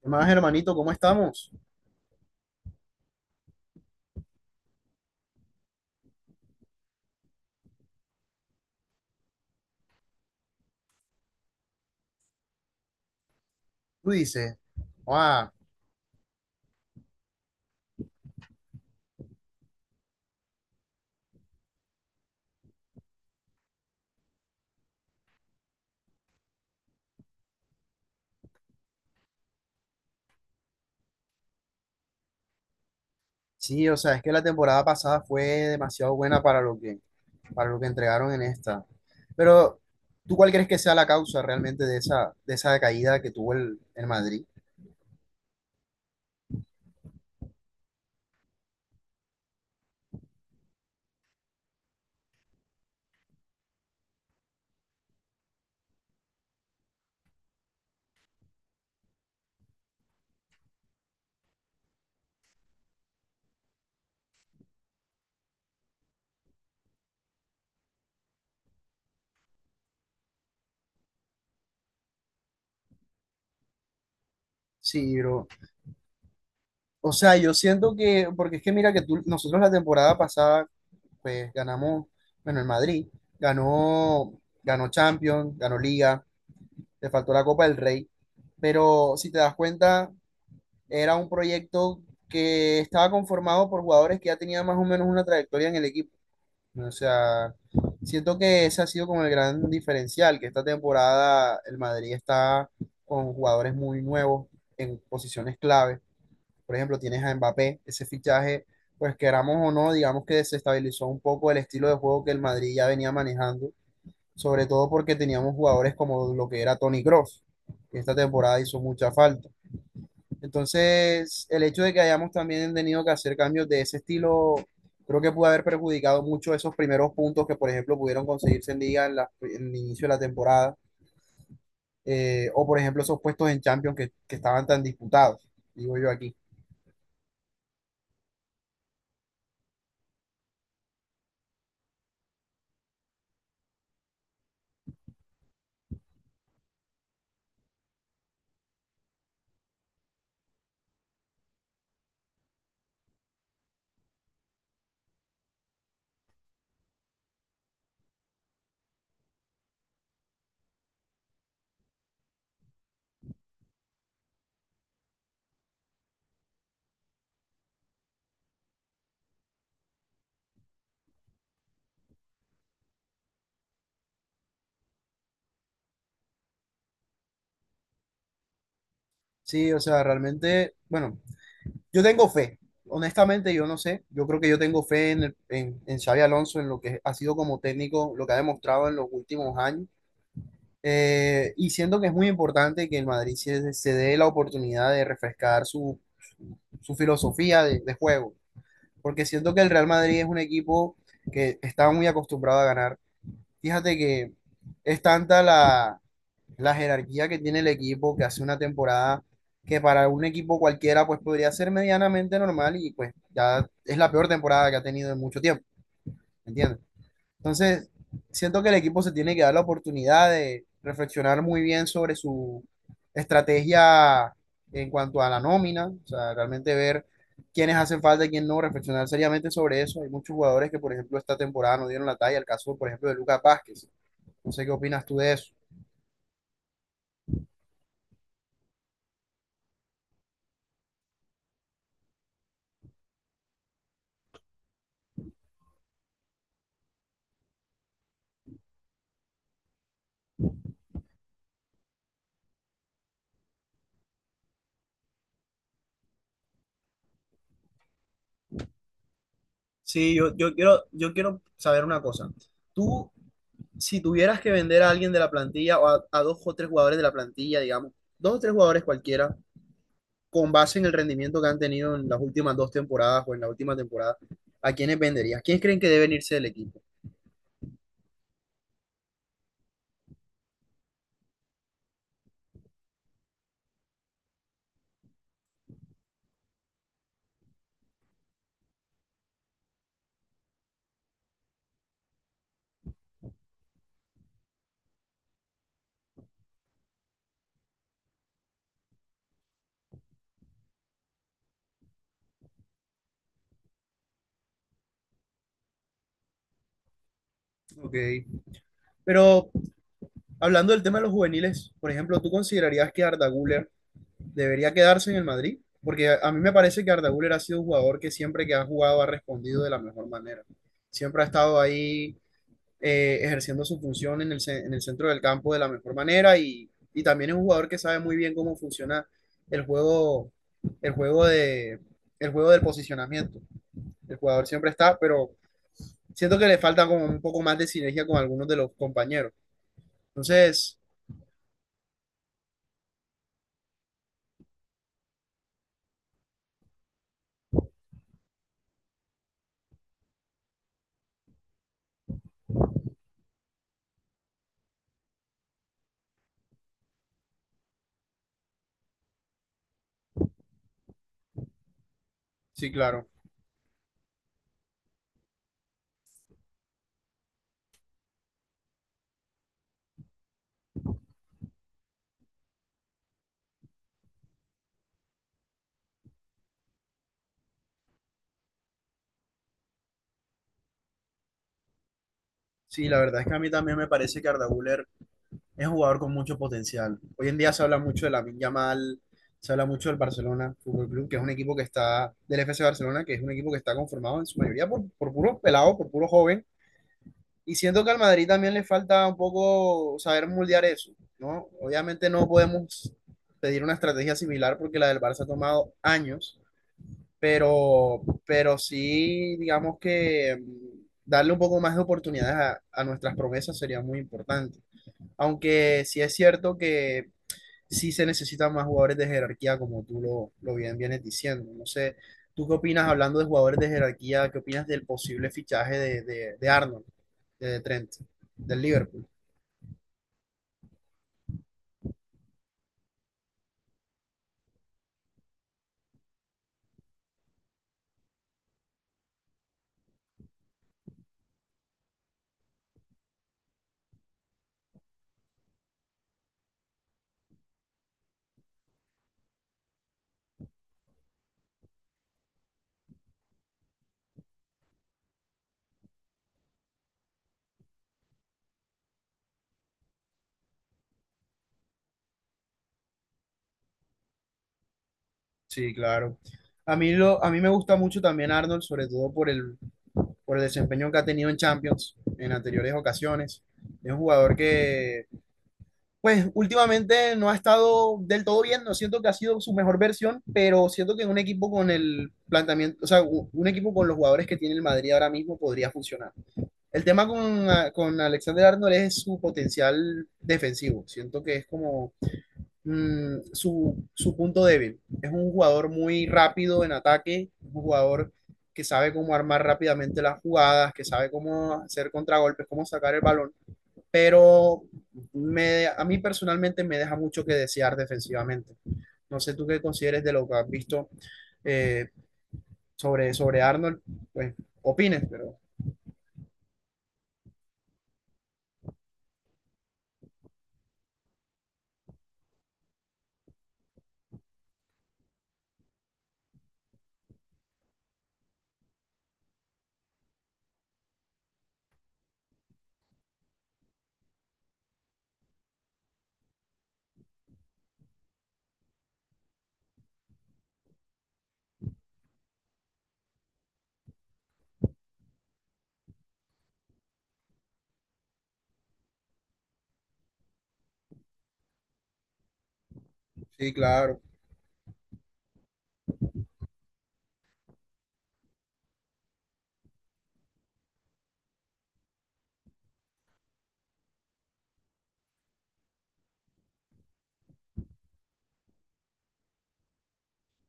¿Qué más, hermanito? ¿Cómo estamos? Tú dices, wow, sí, o sea, es que la temporada pasada fue demasiado buena para lo que entregaron en esta. Pero, ¿tú cuál crees que sea la causa realmente de esa caída que tuvo el Madrid? Sí, bro. O sea, yo siento que, porque es que mira que tú, nosotros la temporada pasada, pues ganamos, bueno, el Madrid ganó, ganó Champions, ganó Liga, le faltó la Copa del Rey, pero si te das cuenta era un proyecto que estaba conformado por jugadores que ya tenían más o menos una trayectoria en el equipo. O sea, siento que ese ha sido como el gran diferencial, que esta temporada el Madrid está con jugadores muy nuevos en posiciones clave. Por ejemplo, tienes a Mbappé, ese fichaje, pues queramos o no, digamos que desestabilizó un poco el estilo de juego que el Madrid ya venía manejando, sobre todo porque teníamos jugadores como lo que era Toni Kroos, que esta temporada hizo mucha falta. Entonces, el hecho de que hayamos también tenido que hacer cambios de ese estilo, creo que pudo haber perjudicado mucho esos primeros puntos que, por ejemplo, pudieron conseguirse en Liga en, en el inicio de la temporada, o por ejemplo, esos puestos en Champions que estaban tan disputados, digo yo aquí. Sí, o sea, realmente, bueno, yo tengo fe, honestamente, yo no sé, yo creo que yo tengo fe en, en Xabi Alonso, en lo que ha sido como técnico, lo que ha demostrado en los últimos años. Y siento que es muy importante que el Madrid se dé la oportunidad de refrescar su filosofía de juego, porque siento que el Real Madrid es un equipo que está muy acostumbrado a ganar. Fíjate que es tanta la jerarquía que tiene el equipo, que hace una temporada que para un equipo cualquiera pues podría ser medianamente normal y pues ya es la peor temporada que ha tenido en mucho tiempo, ¿me entiendes? Entonces, siento que el equipo se tiene que dar la oportunidad de reflexionar muy bien sobre su estrategia en cuanto a la nómina, o sea, realmente ver quiénes hacen falta y quién no, reflexionar seriamente sobre eso. Hay muchos jugadores que, por ejemplo, esta temporada no dieron la talla, el caso, por ejemplo, de Lucas Vázquez. No sé qué opinas tú de eso. Sí, yo quiero saber una cosa. Tú, si tuvieras que vender a alguien de la plantilla o a dos o tres jugadores de la plantilla, digamos, dos o tres jugadores cualquiera, con base en el rendimiento que han tenido en las últimas dos temporadas o en la última temporada, ¿a quiénes venderías? ¿Quiénes creen que deben irse del equipo? Ok. Pero hablando del tema de los juveniles, por ejemplo, ¿tú considerarías que Arda Güler debería quedarse en el Madrid? Porque a mí me parece que Arda Güler ha sido un jugador que siempre que ha jugado ha respondido de la mejor manera. Siempre ha estado ahí ejerciendo su función en el, en el centro del campo de la mejor manera y también es un jugador que sabe muy bien cómo funciona el juego, el juego de, el juego del posicionamiento. El jugador siempre está, pero siento que le falta como un poco más de sinergia con algunos de los compañeros. Entonces, sí, claro. Sí, la verdad es que a mí también me parece que Arda Güler es un jugador con mucho potencial. Hoy en día se habla mucho de la Yamal, se habla mucho del Barcelona Fútbol Club, que es un equipo que está, del FC Barcelona, que es un equipo que está conformado en su mayoría por puros pelados, por puros jóvenes. Y siento que al Madrid también le falta un poco saber moldear eso, ¿no? Obviamente no podemos pedir una estrategia similar porque la del Barça ha tomado años, pero sí, digamos que darle un poco más de oportunidades a nuestras promesas sería muy importante. Aunque sí es cierto que sí se necesitan más jugadores de jerarquía, como tú lo bien vienes diciendo. No sé, ¿tú qué opinas hablando de jugadores de jerarquía? ¿Qué opinas del posible fichaje de, de Arnold, de Trent, del Liverpool? Sí, claro. A mí, lo, a mí me gusta mucho también Arnold, sobre todo por el desempeño que ha tenido en Champions en anteriores ocasiones. Es un jugador que pues últimamente no ha estado del todo bien, no siento que ha sido su mejor versión, pero siento que un equipo con el planteamiento, o sea, un equipo con los jugadores que tiene el Madrid ahora mismo podría funcionar. El tema con, con Alexander Arnold es su potencial defensivo, siento que es como su, su punto débil. Es un jugador muy rápido en ataque, un jugador que sabe cómo armar rápidamente las jugadas, que sabe cómo hacer contragolpes, cómo sacar el balón, pero me, a mí personalmente me deja mucho que desear defensivamente. No sé tú qué consideres de lo que has visto eh, sobre, sobre Arnold, pues opines, pero sí, claro.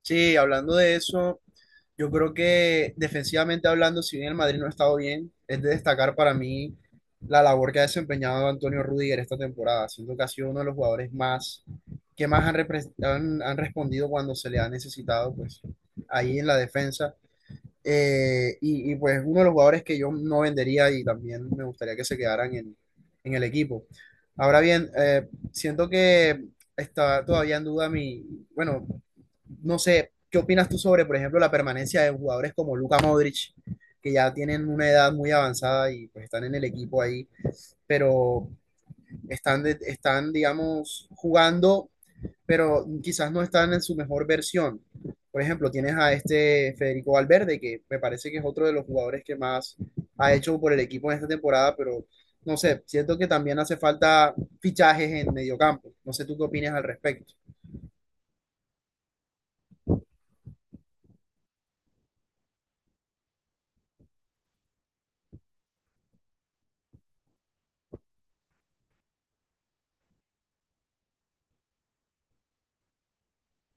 Sí, hablando de eso, yo creo que defensivamente hablando, si bien el Madrid no ha estado bien, es de destacar para mí la labor que ha desempeñado Antonio Rüdiger esta temporada, siendo que ha sido uno de los jugadores más que más han, han respondido cuando se le ha necesitado, pues ahí en la defensa. Y pues uno de los jugadores que yo no vendería y también me gustaría que se quedaran en el equipo. Ahora bien, siento que está todavía en duda mi, bueno, no sé, ¿qué opinas tú sobre, por ejemplo, la permanencia de jugadores como Luka Modric, que ya tienen una edad muy avanzada y pues están en el equipo ahí, pero están, están, digamos, jugando pero quizás no están en su mejor versión. Por ejemplo, tienes a este Federico Valverde, que me parece que es otro de los jugadores que más ha hecho por el equipo en esta temporada, pero no sé, siento que también hace falta fichajes en mediocampo. No sé tú qué opinas al respecto.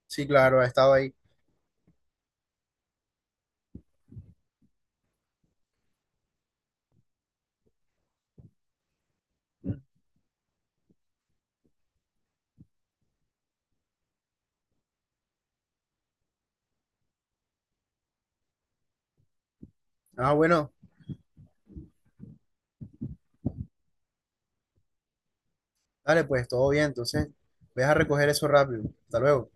Sí, claro, ha estado ahí. Ah, bueno, dale, pues todo bien, entonces, ve a recoger eso rápido. Hasta luego.